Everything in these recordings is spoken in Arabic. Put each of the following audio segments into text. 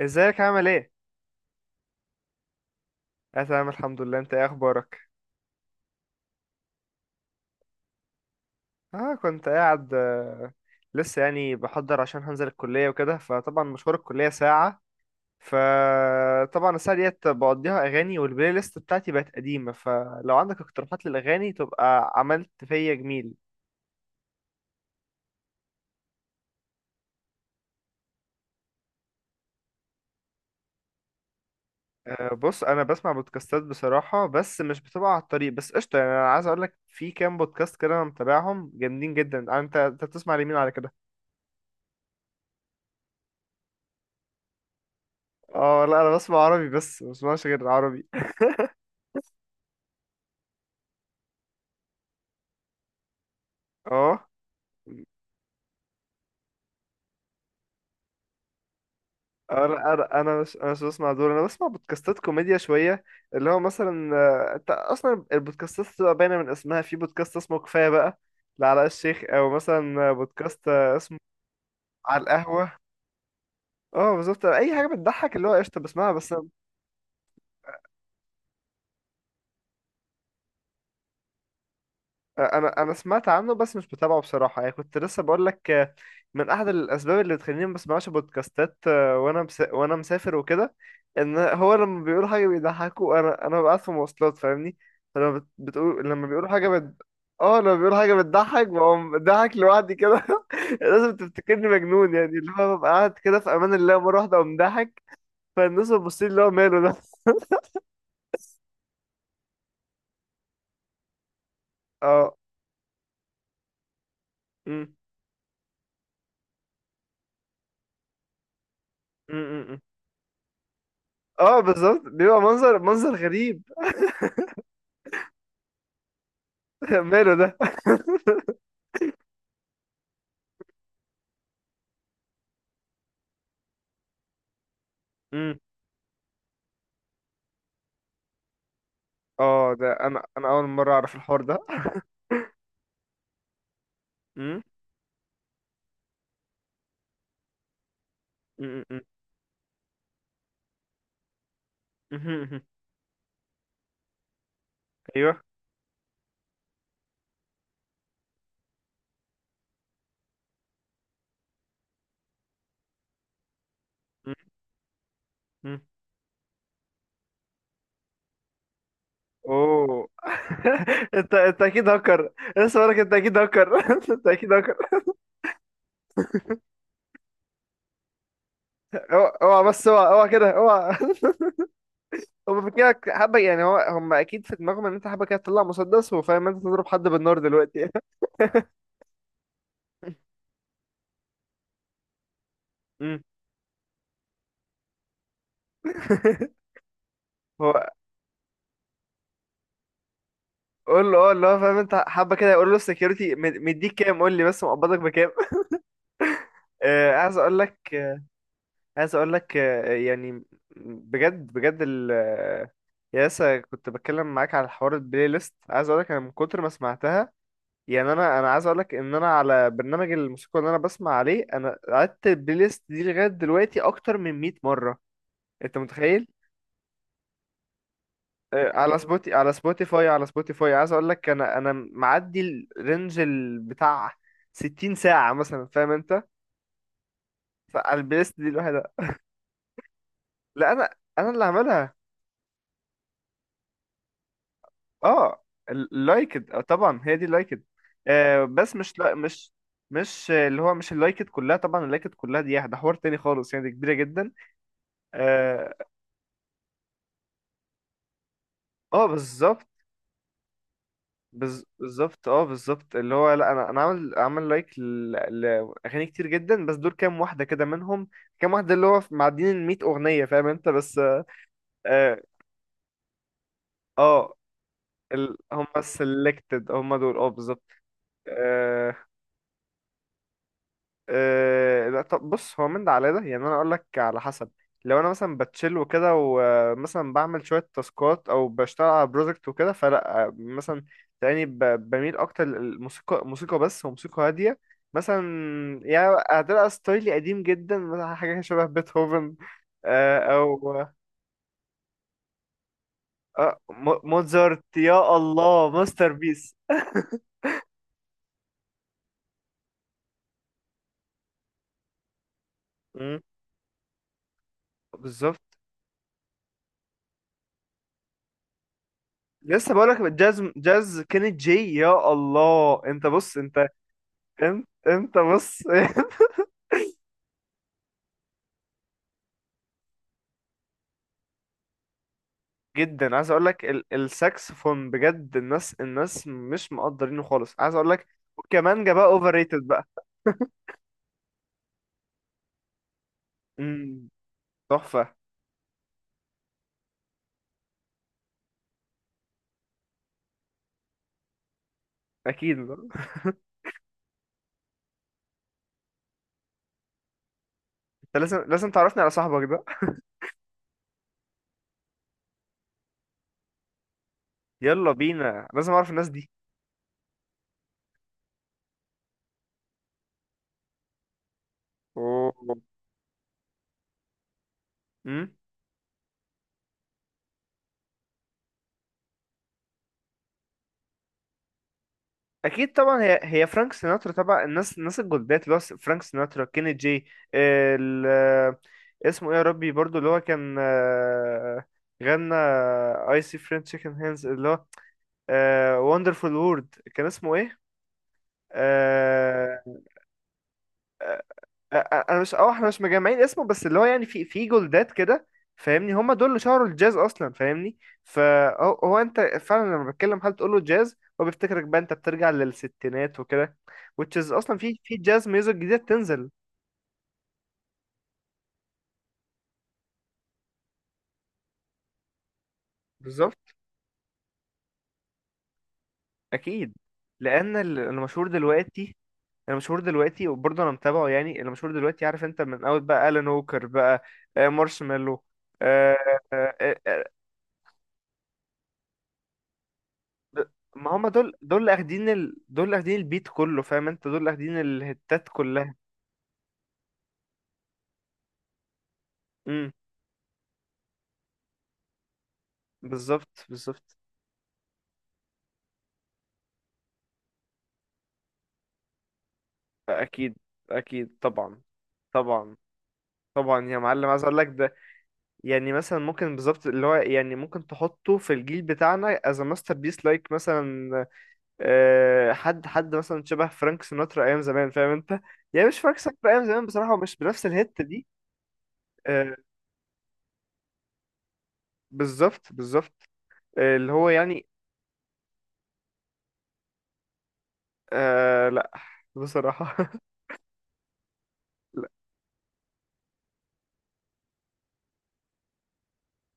ازيك عامل ايه؟ اه تمام الحمد لله. انت ايه اخبارك؟ اه كنت قاعد لسه يعني بحضر عشان هنزل الكلية وكده، فطبعا مشوار الكلية ساعة، فطبعا الساعة ديت بقضيها اغاني والبلاي ليست بتاعتي بقت قديمة، فلو عندك اقتراحات للاغاني تبقى عملت فيا جميل. بص انا بسمع بودكاستات بصراحة، بس مش بتبقى على الطريق بس، قشطة يعني. انا عايز اقولك في كام بودكاست كده انا متابعهم جامدين جدا. انت بتسمع لمين على كده؟ اه لا، انا بسمع عربي، بس ما بسمعش غير عربي. اه انا انا مش بسمع دول، انا بسمع بودكاستات كوميديا شويه، اللي هو مثلا انت اصلا البودكاستات بتبقى باينه من اسمها. في بودكاست اسمه كفايه بقى لعلاء الشيخ، او مثلا بودكاست اسمه على القهوه. اه بالظبط، اي حاجه بتضحك اللي هو قشطه بسمعها بس. انا سمعت عنه بس مش بتابعه بصراحه، يعني كنت لسه بقول لك من احد الاسباب اللي بتخليني ما بسمعش بودكاستات وانا مسافر وكده، ان هو لما بيقول حاجه بيضحكوا انا ببقى قاعد في مواصلات فاهمني، بتقول لما بيقولوا اه لما بيقولوا حاجه بتضحك بقوم بضحك لوحدي كده. لازم تفتكرني مجنون، يعني اللي هو ببقى قاعد كده في امان الله، مره واحده اقوم ضاحك، فالناس بتبص لي اللي هو ماله ده. اه. م- م. اه بالظبط، بيبقى منظر غريب. ماله ده. امم، اه ده انا اول مره اعرف الحوار ده. امم، امم. امم، امم. امم. ايوه. امم، امم. اوه، انت اكيد هكر، لسه بقولك انت اكيد هكر. انت اكيد هكر. اوعى اوعى، بس اوعى اوعى كده، اوعى. هما فاكرينك حبه، يعني هم اكيد في دماغهم ان انت حبه كده تطلع مسدس، وفاهم انت تضرب حد بالنار دلوقتي. امم. هو قول له اه، اللي هو فاهم انت حبه كده، يقول له السكيورتي مديك كام، قول لي بس مقبضك بكام. آه، عايز اقول لك عايز اقول لك يعني، بجد بجد ال آه، يا لسه كنت بتكلم معاك على حوار البلاي ليست، عايز اقول لك انا من كتر ما سمعتها، يعني انا عايز اقول لك ان انا على برنامج الموسيقى اللي انا بسمع عليه، انا قعدت البلاي ليست دي لغايه دلوقتي اكتر من 100 مره، انت متخيل. على سبوتيفاي على سبوتيفاي، عايز اقول لك انا معدي الرينج بتاع 60 ساعه مثلا، فاهم انت، فالبلاي ليست دي الواحده. لا انا اللي عملها. اه اللايكد، آه طبعا هي دي اللايكد. آه بس مش لا مش مش آه، اللي هو مش اللايكد كلها طبعا، اللايكد كلها دي ده حوار تاني خالص يعني، دي كبيرة جدا. اه. آه، بالظبط بز- بالظبط اه بالظبط اللي هو، لا انا عامل عامل لاغاني كتير جدا، بس دول كام واحده كده منهم، كام واحده اللي هو معديين ال 100 اغنيه فاهم انت بس. اه اه هم selected هم دول، اه بالظبط. آه، أه لا طب بص، هو من ده على ده يعني، انا اقول لك على حسب، لو انا مثلا بتشيل وكده ومثلا بعمل شويه تاسكات او بشتغل على بروجكت وكده، فلا مثلا تلاقيني بميل اكتر للموسيقى، موسيقى بس وموسيقى هاديه مثلا. يعني هتبقى ستايلي قديم جدا، مثلا حاجه شبه بيتهوفن، آه، او موزارت، يا الله ماستر بيس. مم، بالظبط. لسه بقولك جاز، جاز كيني جي، يا الله. انت بص انت، انت بص. جدا عايز اقول لك الساكسفون بجد، الناس مش مقدرينه خالص، عايز اقول لك. والكمانجة بقى اوفر ريتد بقى. امم. تحفة. اكيد. انت لازم تعرفني على صاحبك ده. يلا بينا، لازم اعرف الناس دي. اوه. امم. اكيد طبعا، هي فرانك سيناترا طبعا، الناس الجولدات، اللي هو فرانك سيناترا، كيني جي، ال... اسمه ايه يا ربي برضو، اللي هو كان غنى اي سي فريند تشيكن هانز، اللي هو وندرفول وورد، كان اسمه ايه؟ آه. آه، انا مش اه احنا مش مجمعين اسمه، بس اللي هو يعني في في جولدات كده فاهمني، هما دول اللي شهروا الجاز اصلا فاهمني. فهو انت فعلا لما بتكلم حد تقول له جاز، هو بيفتكرك بقى انت بترجع للستينات وكده، which is اصلا في في جاز ميوزك جديده بتنزل. بالظبط. اكيد. لان المشهور دلوقتي، المشهور دلوقتي وبرضه انا متابعه يعني، المشهور دلوقتي عارف انت، من اول بقى الان ووكر بقى، مارشميلو. د- ما هما دول، دول اللي اخدين دول اللي اخدين البيت كله فاهم انت، دول اللي اخدين الهتات كلها. امم. بالظبط بالظبط. اكيد. اكيد طبعا. طبعا. طبعا يا معلم، عايز اقول لك ده يعني مثلا، ممكن بالظبط اللي هو، يعني ممكن تحطه في الجيل بتاعنا as a masterpiece like مثلا حد مثلا شبه فرانك سيناترا ايام زمان فاهم انت، يعني مش فرانك سيناترا ايام زمان بصراحة، هو مش بنفس الهت دي. آه، بالظبط بالظبط. آه، اللي هو يعني آه لا بصراحة.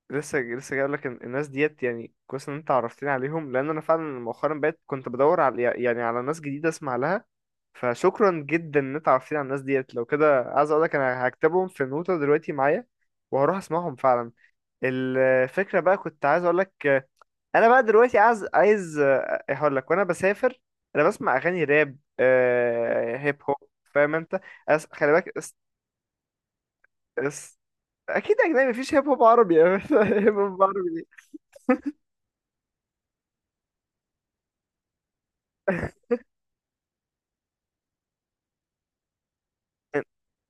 لسه لسه جاي لك الناس ديت، يعني كويس ان انت عرفتني عليهم، لان انا فعلا مؤخرا بقيت كنت بدور على يعني على ناس جديده اسمع لها، فشكرا جدا ان انت عرفتني على الناس ديت. لو كده عايز اقول لك انا هكتبهم في نوتة دلوقتي معايا، وهروح اسمعهم فعلا. الفكره بقى كنت عايز اقول لك، انا بقى دلوقتي عايز هقول لك، وانا بسافر انا بسمع اغاني راب هيب هوب فاهم انت، خلي بالك أس... اكيد اجنبي، مفيش هيب هوب عربي. هيب هوب عربي،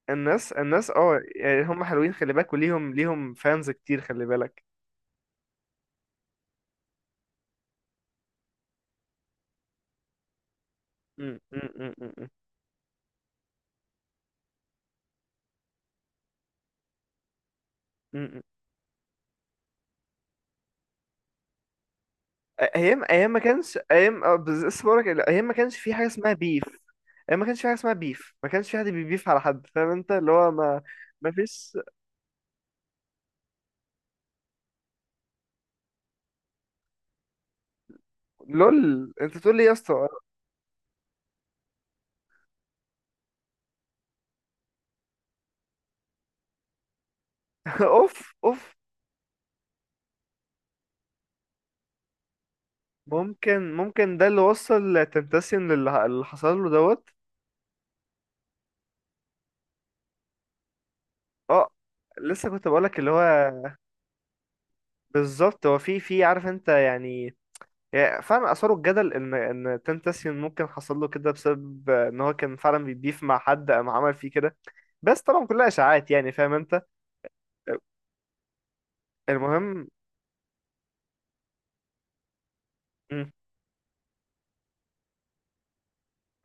الناس اه يعني هم حلوين خلي بالك، وليهم فانز كتير خلي بالك. م- م- م- م- م- م. ايام ايام ما كانش ايام اه بز- لسه بقولك ايام ما كانش في حاجه اسمها بيف، ايام ما كانش في حاجه اسمها بيف، ما كانش في حد بيبيف على حد فاهم انت، اللي هو ما ما فيش. لول، انت تقول لي يا اسطى. اوف اوف. ممكن ممكن ده اللي وصل تنتسيون، للي اللي حصل له دوت. اه لسه كنت بقولك اللي هو بالظبط، هو في في عارف انت يعني، يعني فعلا اثاروا الجدل ان ان تنتسيون ممكن حصل له كده بسبب ان هو كان فعلا بيبيف مع حد قام عمل فيه كده، بس طبعا كلها اشاعات يعني فاهم انت. المهم. مم.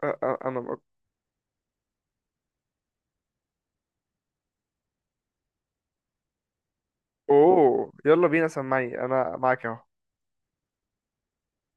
انا. اوه يلا بينا، سمعني انا معاك اهو.